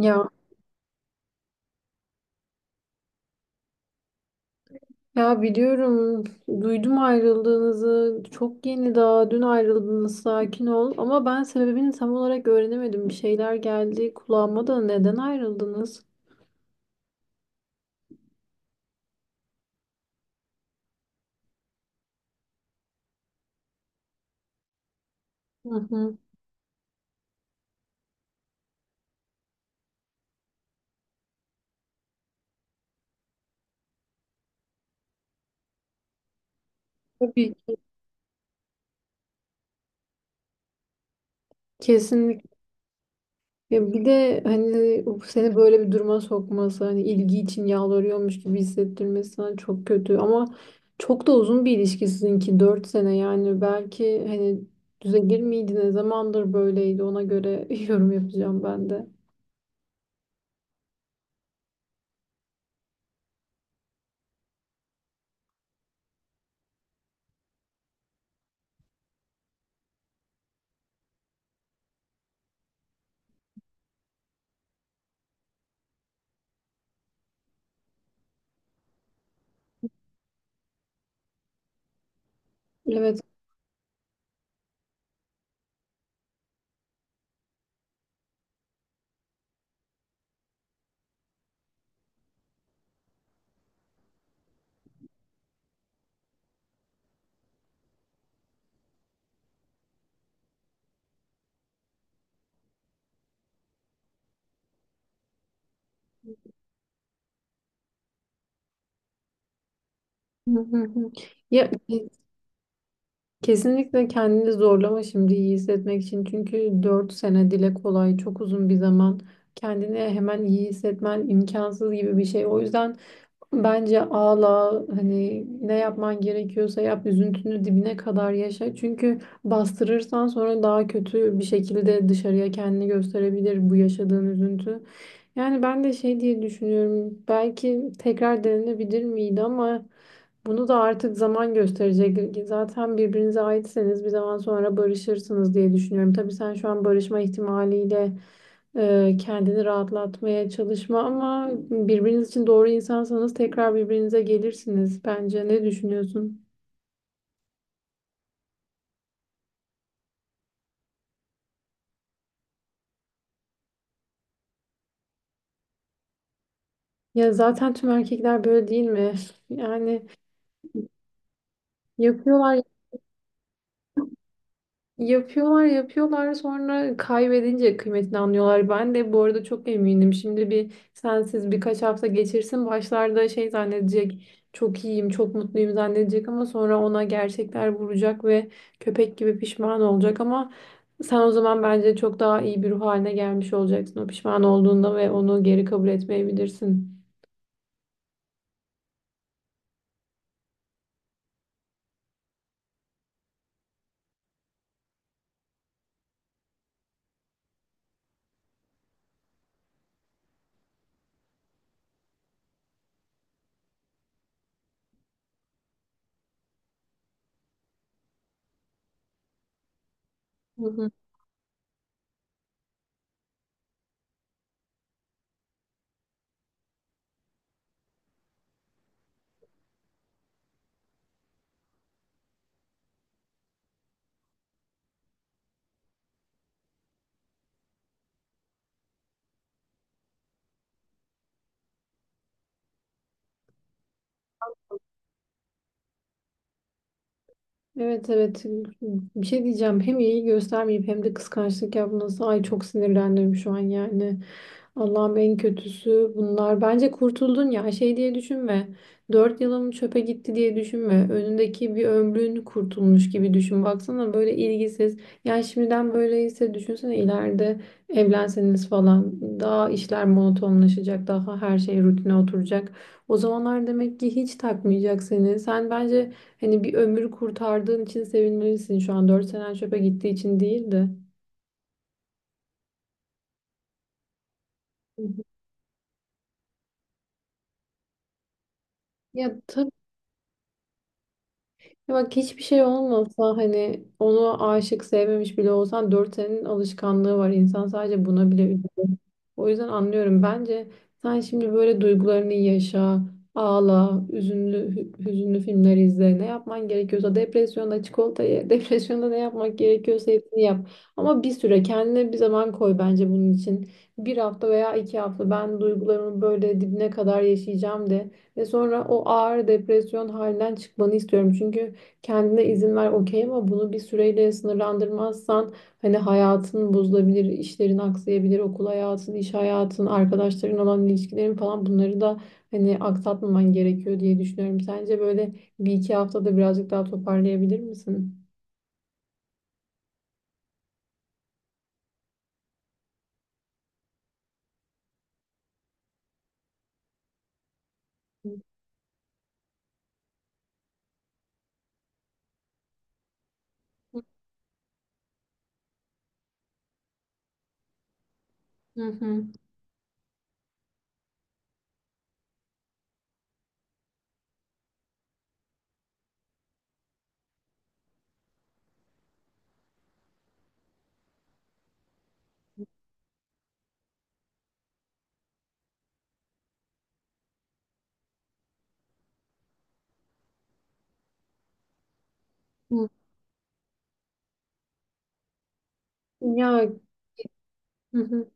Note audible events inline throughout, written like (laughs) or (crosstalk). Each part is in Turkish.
Ya ya biliyorum duydum ayrıldığınızı çok yeni, daha dün ayrıldınız, sakin ol ama ben sebebini tam olarak öğrenemedim, bir şeyler geldi kulağıma da, neden ayrıldınız? Hı hı. Tabii ki, kesinlikle. Ya bir de hani seni böyle bir duruma sokması, hani ilgi için yalvarıyormuş gibi hissettirmesi, hani çok kötü ama çok da uzun bir ilişki sizinki, 4 sene yani, belki hani düzelir miydiniz? Ne zamandır böyleydi, ona göre (laughs) yorum yapacağım ben de. Evet. Hı hı hı. Ya kesinlikle kendini zorlama şimdi iyi hissetmek için. Çünkü 4 sene dile kolay, çok uzun bir zaman. Kendini hemen iyi hissetmen imkansız gibi bir şey. O yüzden bence ağla, hani ne yapman gerekiyorsa yap, üzüntünü dibine kadar yaşa. Çünkü bastırırsan sonra daha kötü bir şekilde dışarıya kendini gösterebilir bu yaşadığın üzüntü. Yani ben de şey diye düşünüyorum, belki tekrar denenebilir miydi, ama bunu da artık zaman gösterecek. Zaten birbirinize aitseniz bir zaman sonra barışırsınız diye düşünüyorum. Tabii sen şu an barışma ihtimaliyle kendini rahatlatmaya çalışma ama birbiriniz için doğru insansanız tekrar birbirinize gelirsiniz bence. Ne düşünüyorsun? Ya zaten tüm erkekler böyle değil mi? (laughs) Yani yapıyorlar. Yapıyorlar yapıyorlar, sonra kaybedince kıymetini anlıyorlar. Ben de bu arada çok eminim. Şimdi bir sensiz birkaç hafta geçirsin, başlarda şey zannedecek, çok iyiyim çok mutluyum zannedecek, ama sonra ona gerçekler vuracak ve köpek gibi pişman olacak, ama sen o zaman bence çok daha iyi bir ruh haline gelmiş olacaksın o pişman olduğunda, ve onu geri kabul etmeyebilirsin. Evet, evet, bir şey diyeceğim, hem iyi göstermeyip hem de kıskançlık yapması, ay çok sinirlendim şu an yani. Allah'ım, en kötüsü bunlar, bence kurtuldun ya, şey diye düşünme, 4 yılım çöpe gitti diye düşünme, önündeki bir ömrün kurtulmuş gibi düşün. Baksana böyle ilgisiz, yani şimdiden böyleyse düşünsene ileride, evlenseniz falan daha işler monotonlaşacak, daha her şey rutine oturacak, o zamanlar demek ki hiç takmayacak seni sen bence. Hani bir ömür kurtardığın için sevinmelisin, şu an 4 senen çöpe gittiği için değil de. Hı hı. Ya tabii. Ya bak, hiçbir şey olmasa hani, onu aşık sevmemiş bile olsan, 4 senenin alışkanlığı var. İnsan sadece buna bile üzülür. O yüzden anlıyorum. Bence sen şimdi böyle duygularını yaşa, ağla, üzünlü, hüzünlü filmler izle. Ne yapman gerekiyorsa, depresyonda çikolata ye, (laughs) depresyonda ne yapmak gerekiyorsa hepsini yap. Ama bir süre kendine bir zaman koy bence bunun için. Bir hafta veya 2 hafta, ben duygularımı böyle dibine kadar yaşayacağım de. Ve sonra o ağır depresyon halinden çıkmanı istiyorum. Çünkü kendine izin ver okey, ama bunu bir süreyle sınırlandırmazsan hani hayatın bozulabilir, işlerin aksayabilir, okul hayatın, iş hayatın, arkadaşların olan ilişkilerin falan, bunları da hani aksatmaman gerekiyor diye düşünüyorum. Sence böyle bir iki haftada birazcık daha toparlayabilir misin? Hı hı. Hı. Ya, hı hı.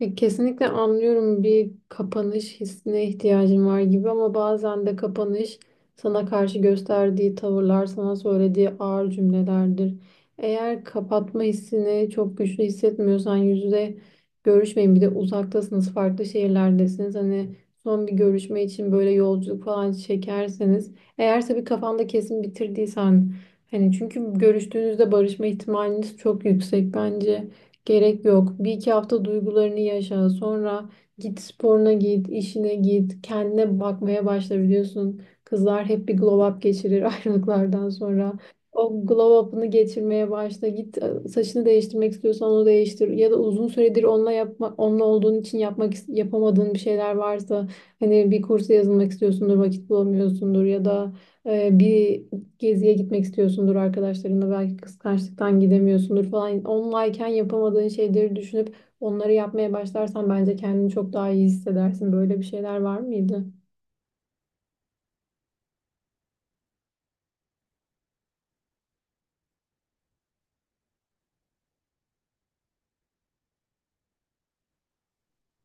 Kesinlikle anlıyorum, bir kapanış hissine ihtiyacın var gibi, ama bazen de kapanış sana karşı gösterdiği tavırlar, sana söylediği ağır cümlelerdir. Eğer kapatma hissini çok güçlü hissetmiyorsan yüz yüze görüşmeyin. Bir de uzaktasınız, farklı şehirlerdesiniz. Hani son bir görüşme için böyle yolculuk falan çekerseniz, eğerse bir kafanda kesin bitirdiysen, hani çünkü görüştüğünüzde barışma ihtimaliniz çok yüksek bence. Gerek yok. Bir iki hafta duygularını yaşa. Sonra git sporuna git, işine git, kendine bakmaya başla, biliyorsun. Kızlar hep bir glow up geçirir (laughs) ayrılıklardan sonra. O glow up'ını geçirmeye başla. Git, saçını değiştirmek istiyorsan onu değiştir. Ya da uzun süredir onunla yapma, onunla olduğun için yapmak yapamadığın bir şeyler varsa, hani bir kursa yazılmak istiyorsundur, vakit bulamıyorsundur, ya da bir geziye gitmek istiyorsundur arkadaşlarınla, belki kıskançlıktan gidemiyorsundur falan. Onlayken yapamadığın şeyleri düşünüp onları yapmaya başlarsan bence kendini çok daha iyi hissedersin. Böyle bir şeyler var mıydı?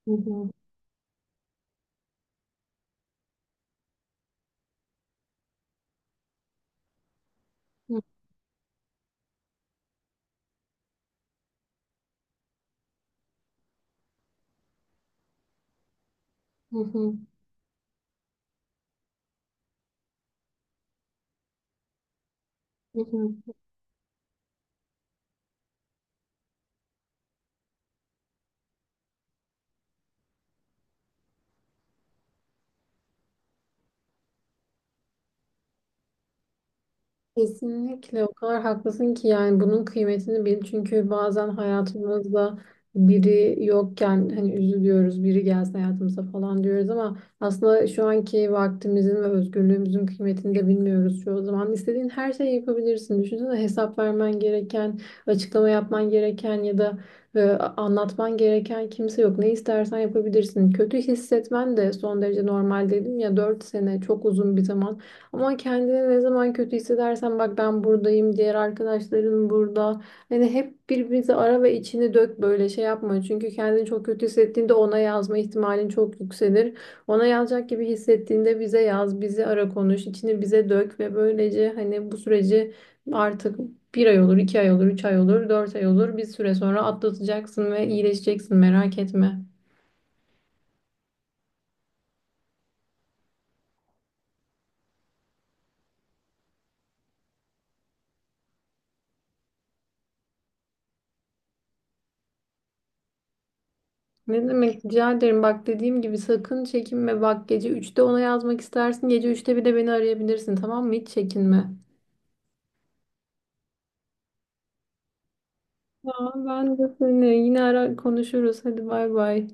Hı hı. Hı hı. Hı hı. Kesinlikle, o kadar haklısın ki yani, bunun kıymetini bil. Çünkü bazen hayatımızda biri yokken hani üzülüyoruz, biri gelsin hayatımıza falan diyoruz, ama aslında şu anki vaktimizin ve özgürlüğümüzün kıymetini de bilmiyoruz çoğu zaman. İstediğin her şeyi yapabilirsin. Düşünsene, hesap vermen gereken, açıklama yapman gereken ya da e, anlatman gereken kimse yok. Ne istersen yapabilirsin. Kötü hissetmen de son derece normal, dedim ya, 4 sene çok uzun bir zaman. Ama kendini ne zaman kötü hissedersen, bak ben buradayım, diğer arkadaşların burada. Hani hep birbirinizi ara ve içini dök, böyle şey yapma. Çünkü kendini çok kötü hissettiğinde ona yazma ihtimalin çok yükselir. Ona yazacak gibi hissettiğinde bize yaz, bizi ara, konuş, içini bize dök ve böylece hani bu süreci, artık bir ay olur, 2 ay olur, 3 ay olur, 4 ay olur, bir süre sonra atlatacaksın ve iyileşeceksin, merak etme. Ne demek, rica ederim. Bak dediğim gibi, sakın çekinme. Bak, gece 3'te ona yazmak istersin, gece 3'te bir de beni arayabilirsin, tamam mı? Hiç çekinme. Tamam. Ben de seni, yine ara konuşuruz. Hadi, bay bay.